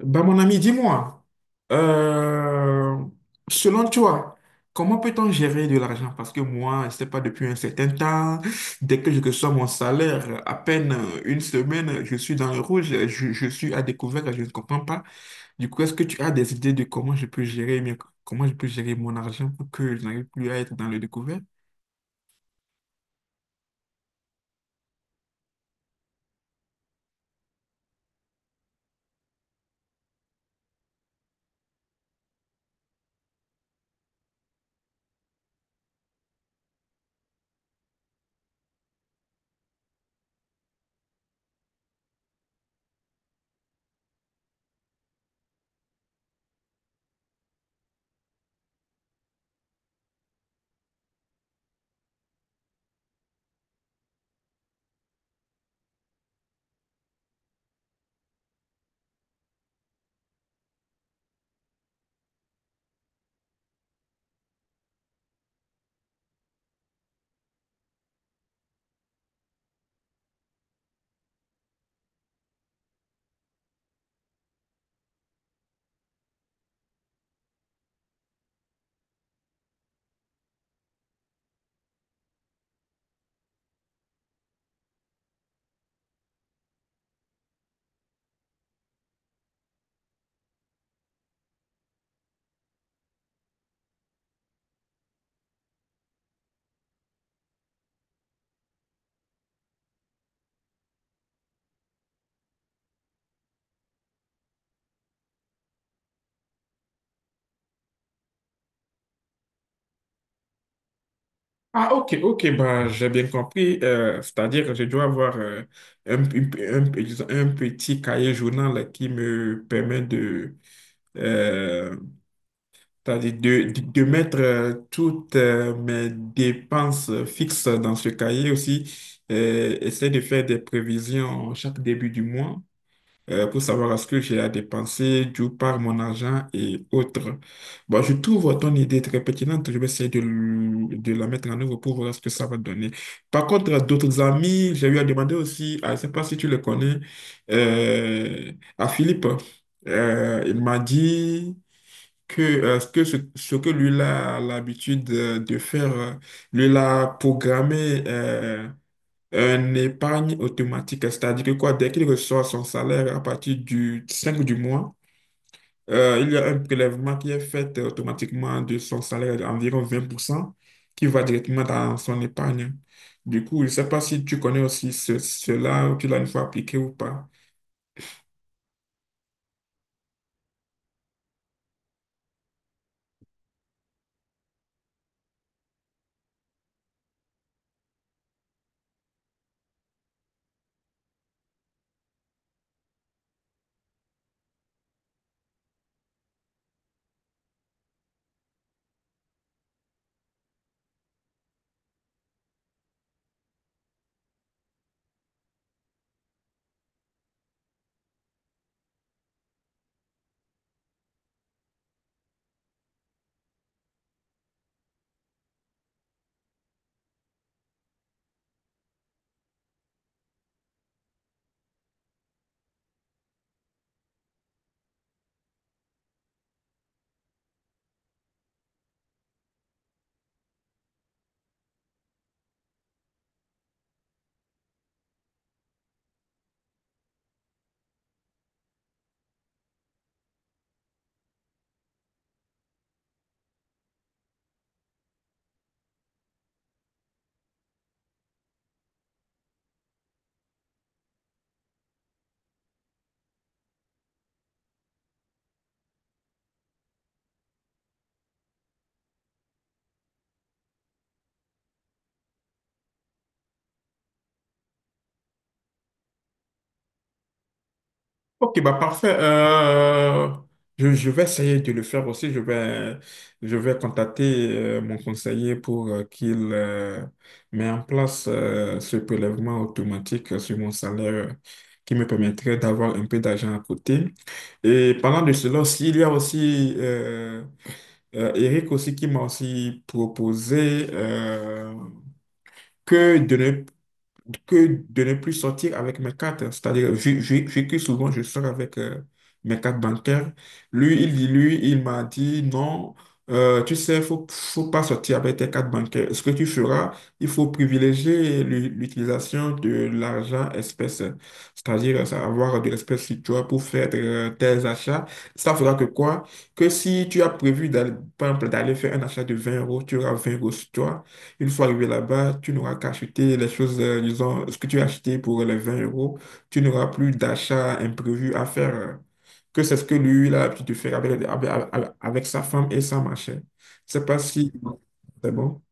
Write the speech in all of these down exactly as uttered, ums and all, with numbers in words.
Bah, mon ami, dis-moi, euh, selon toi, comment peut-on gérer de l'argent? Parce que moi, je ne sais pas, depuis un certain temps, dès que je reçois mon salaire, à peine une semaine, je suis dans le rouge, je, je suis à découvert, je ne comprends pas. Du coup, est-ce que tu as des idées de comment je peux gérer, mes- comment je peux gérer mon argent pour que je n'arrive plus à être dans le découvert? Ah, ok, ok, bah, j'ai bien compris. Euh, c'est-à-dire que je dois avoir euh, un, un- un- p- disons, un petit cahier journal qui me permet de, euh, c'est-à-dire de, de, de mettre euh, toutes euh, mes dépenses fixes dans ce cahier aussi. Euh, essayer de faire des prévisions chaque début du mois euh, pour savoir est-ce que j'ai à dépenser d'où part mon argent et autres. Bon, je trouve ton idée très pertinente. Je vais essayer de, l- de la mettre en œuvre pour voir ce que ça va donner. Par contre, à d'autres amis, j'ai eu à demander aussi, à- je ne sais pas si tu le connais, euh, à Philippe. Euh, il m'a dit que, euh, ce que ce, ce que lui a l'habitude euh, de faire, euh, lui l'a programmé euh, un épargne automatique, c'est-à-dire que quoi, dès qu'il reçoit son salaire à partir du cinq du mois, euh, il y a un prélèvement qui est fait euh, automatiquement de son salaire d'environ vingt pour cent qui va directement dans son épargne. Du coup, je ne sais pas si tu connais aussi ce- cela ou tu l'as une fois appliqué ou pas. Ok, bah parfait. Euh, je, je vais essayer de le faire aussi. Je vais, je vais contacter euh, mon conseiller pour euh, qu'il euh, mette en place euh, ce prélèvement automatique sur mon salaire qui me permettrait d'avoir un peu d'argent à côté. Et parlant de cela aussi, il y a aussi euh, euh, Eric aussi qui m'a aussi proposé euh, que de ne que de ne plus sortir avec mes cartes. C'est-à-dire, vu, vu- vu que souvent je sors avec euh, mes cartes bancaires, lui, il, lui, il m'a dit non, euh, tu sais, il faut, faut pas sortir avec tes cartes bancaires. Ce que tu feras, il faut privilégier l'u- l'utilisation de l'argent espèce, c'est-à-dire ça, avoir de l'espèce sur toi pour faire euh, tes achats. Ça fera que quoi? Que si tu as prévu d'aller, par exemple, d'aller faire un achat de vingt euros, tu auras vingt euros sur toi. Une fois arrivé là-bas, tu n'auras qu'à acheter les choses, euh, disons, ce que tu as acheté pour les vingt euros. Tu n'auras plus d'achat imprévu à faire, euh, que c'est ce que lui, il a l'habitude de faire avec, avec, avec- avec sa femme et sa machine. Je ne sais pas si c'est bon.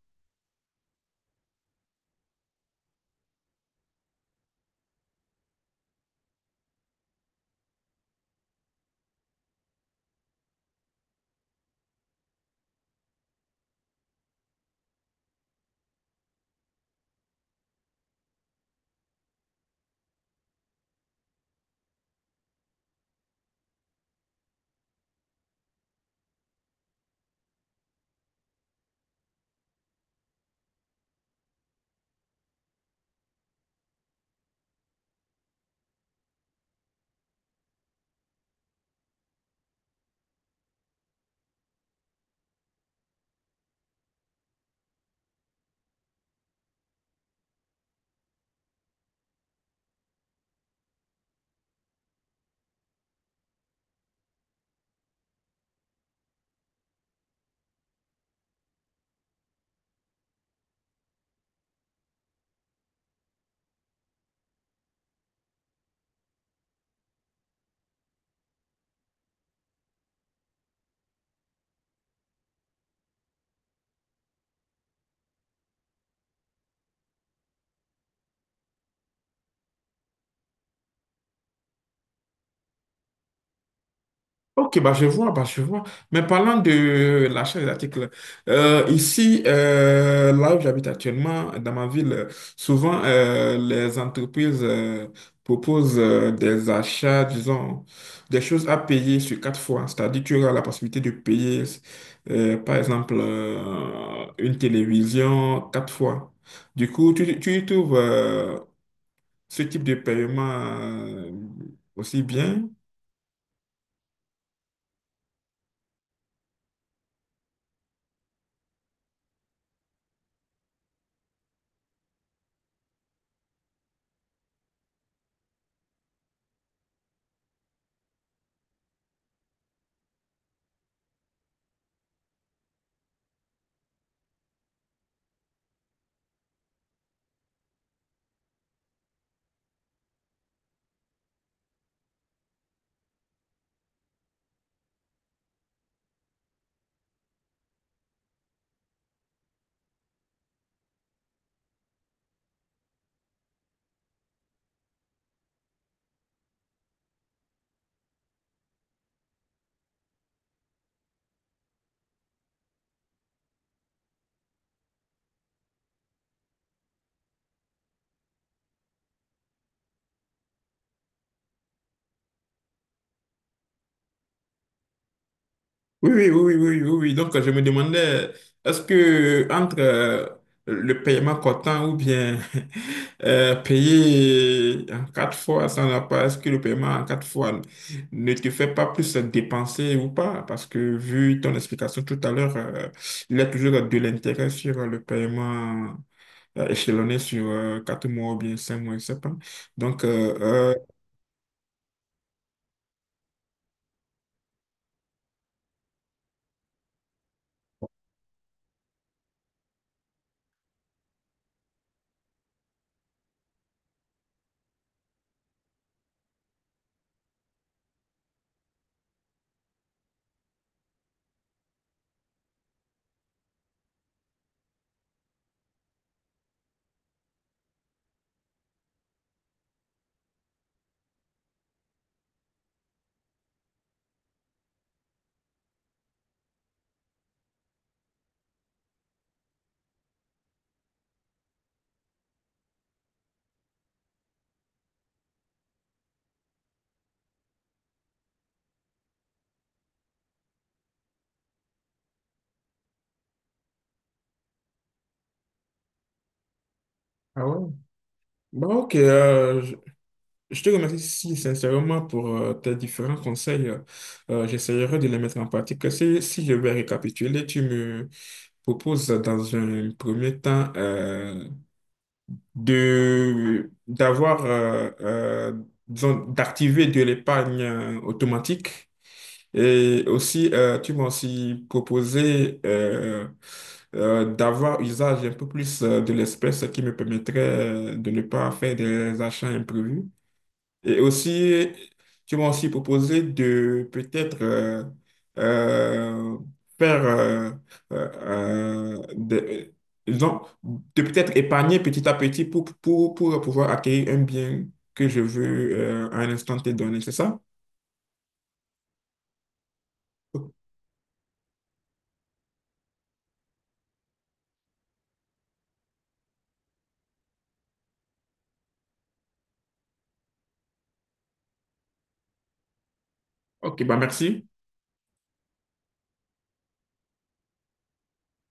Ok, bah je vois, bah je vois. Mais parlant de l'achat des articles, euh, ici, euh, là où j'habite actuellement, dans ma ville, euh, souvent euh, les entreprises euh, proposent euh, des achats, disons, des choses à payer sur quatre fois. C'est-à-dire tu auras la possibilité de payer, euh, par exemple, euh, une télévision quatre fois. Du coup, tu, tu y trouves euh, ce type de paiement euh, aussi bien. Oui, oui, oui, oui, oui, oui, oui. Donc, je me demandais, est-ce que entre euh, le paiement comptant ou bien euh, payer en quatre fois sans la part, est-ce que le paiement en quatre fois ne te fait pas plus dépenser ou pas? Parce que vu ton explication tout à l'heure, euh, il y a toujours de l'intérêt sur le paiement euh, échelonné sur euh, quatre mois ou bien cinq mois, je sais pas. Donc, euh, euh, ah ouais. Bon, ok, euh, je te remercie si sincèrement pour euh, tes différents conseils. Euh, euh, j'essaierai de les mettre en pratique. Si, si je vais récapituler, tu me proposes dans un premier temps euh, de d'avoir euh, euh, disons, d'activer de l'épargne euh, automatique. Et aussi, euh, tu m'as aussi proposé euh, euh, d'avoir usage un peu plus euh, de l'espèce qui me permettrait euh, de ne pas faire des achats imprévus. Et aussi, tu m'as aussi proposé de peut-être euh, euh, faire, euh, euh, euh, des- disons, de peut-être épargner petit à petit pour, pour, pour pouvoir acquérir un bien que je veux euh, à un instant te donné, c'est ça? Ok, Ok, bah merci.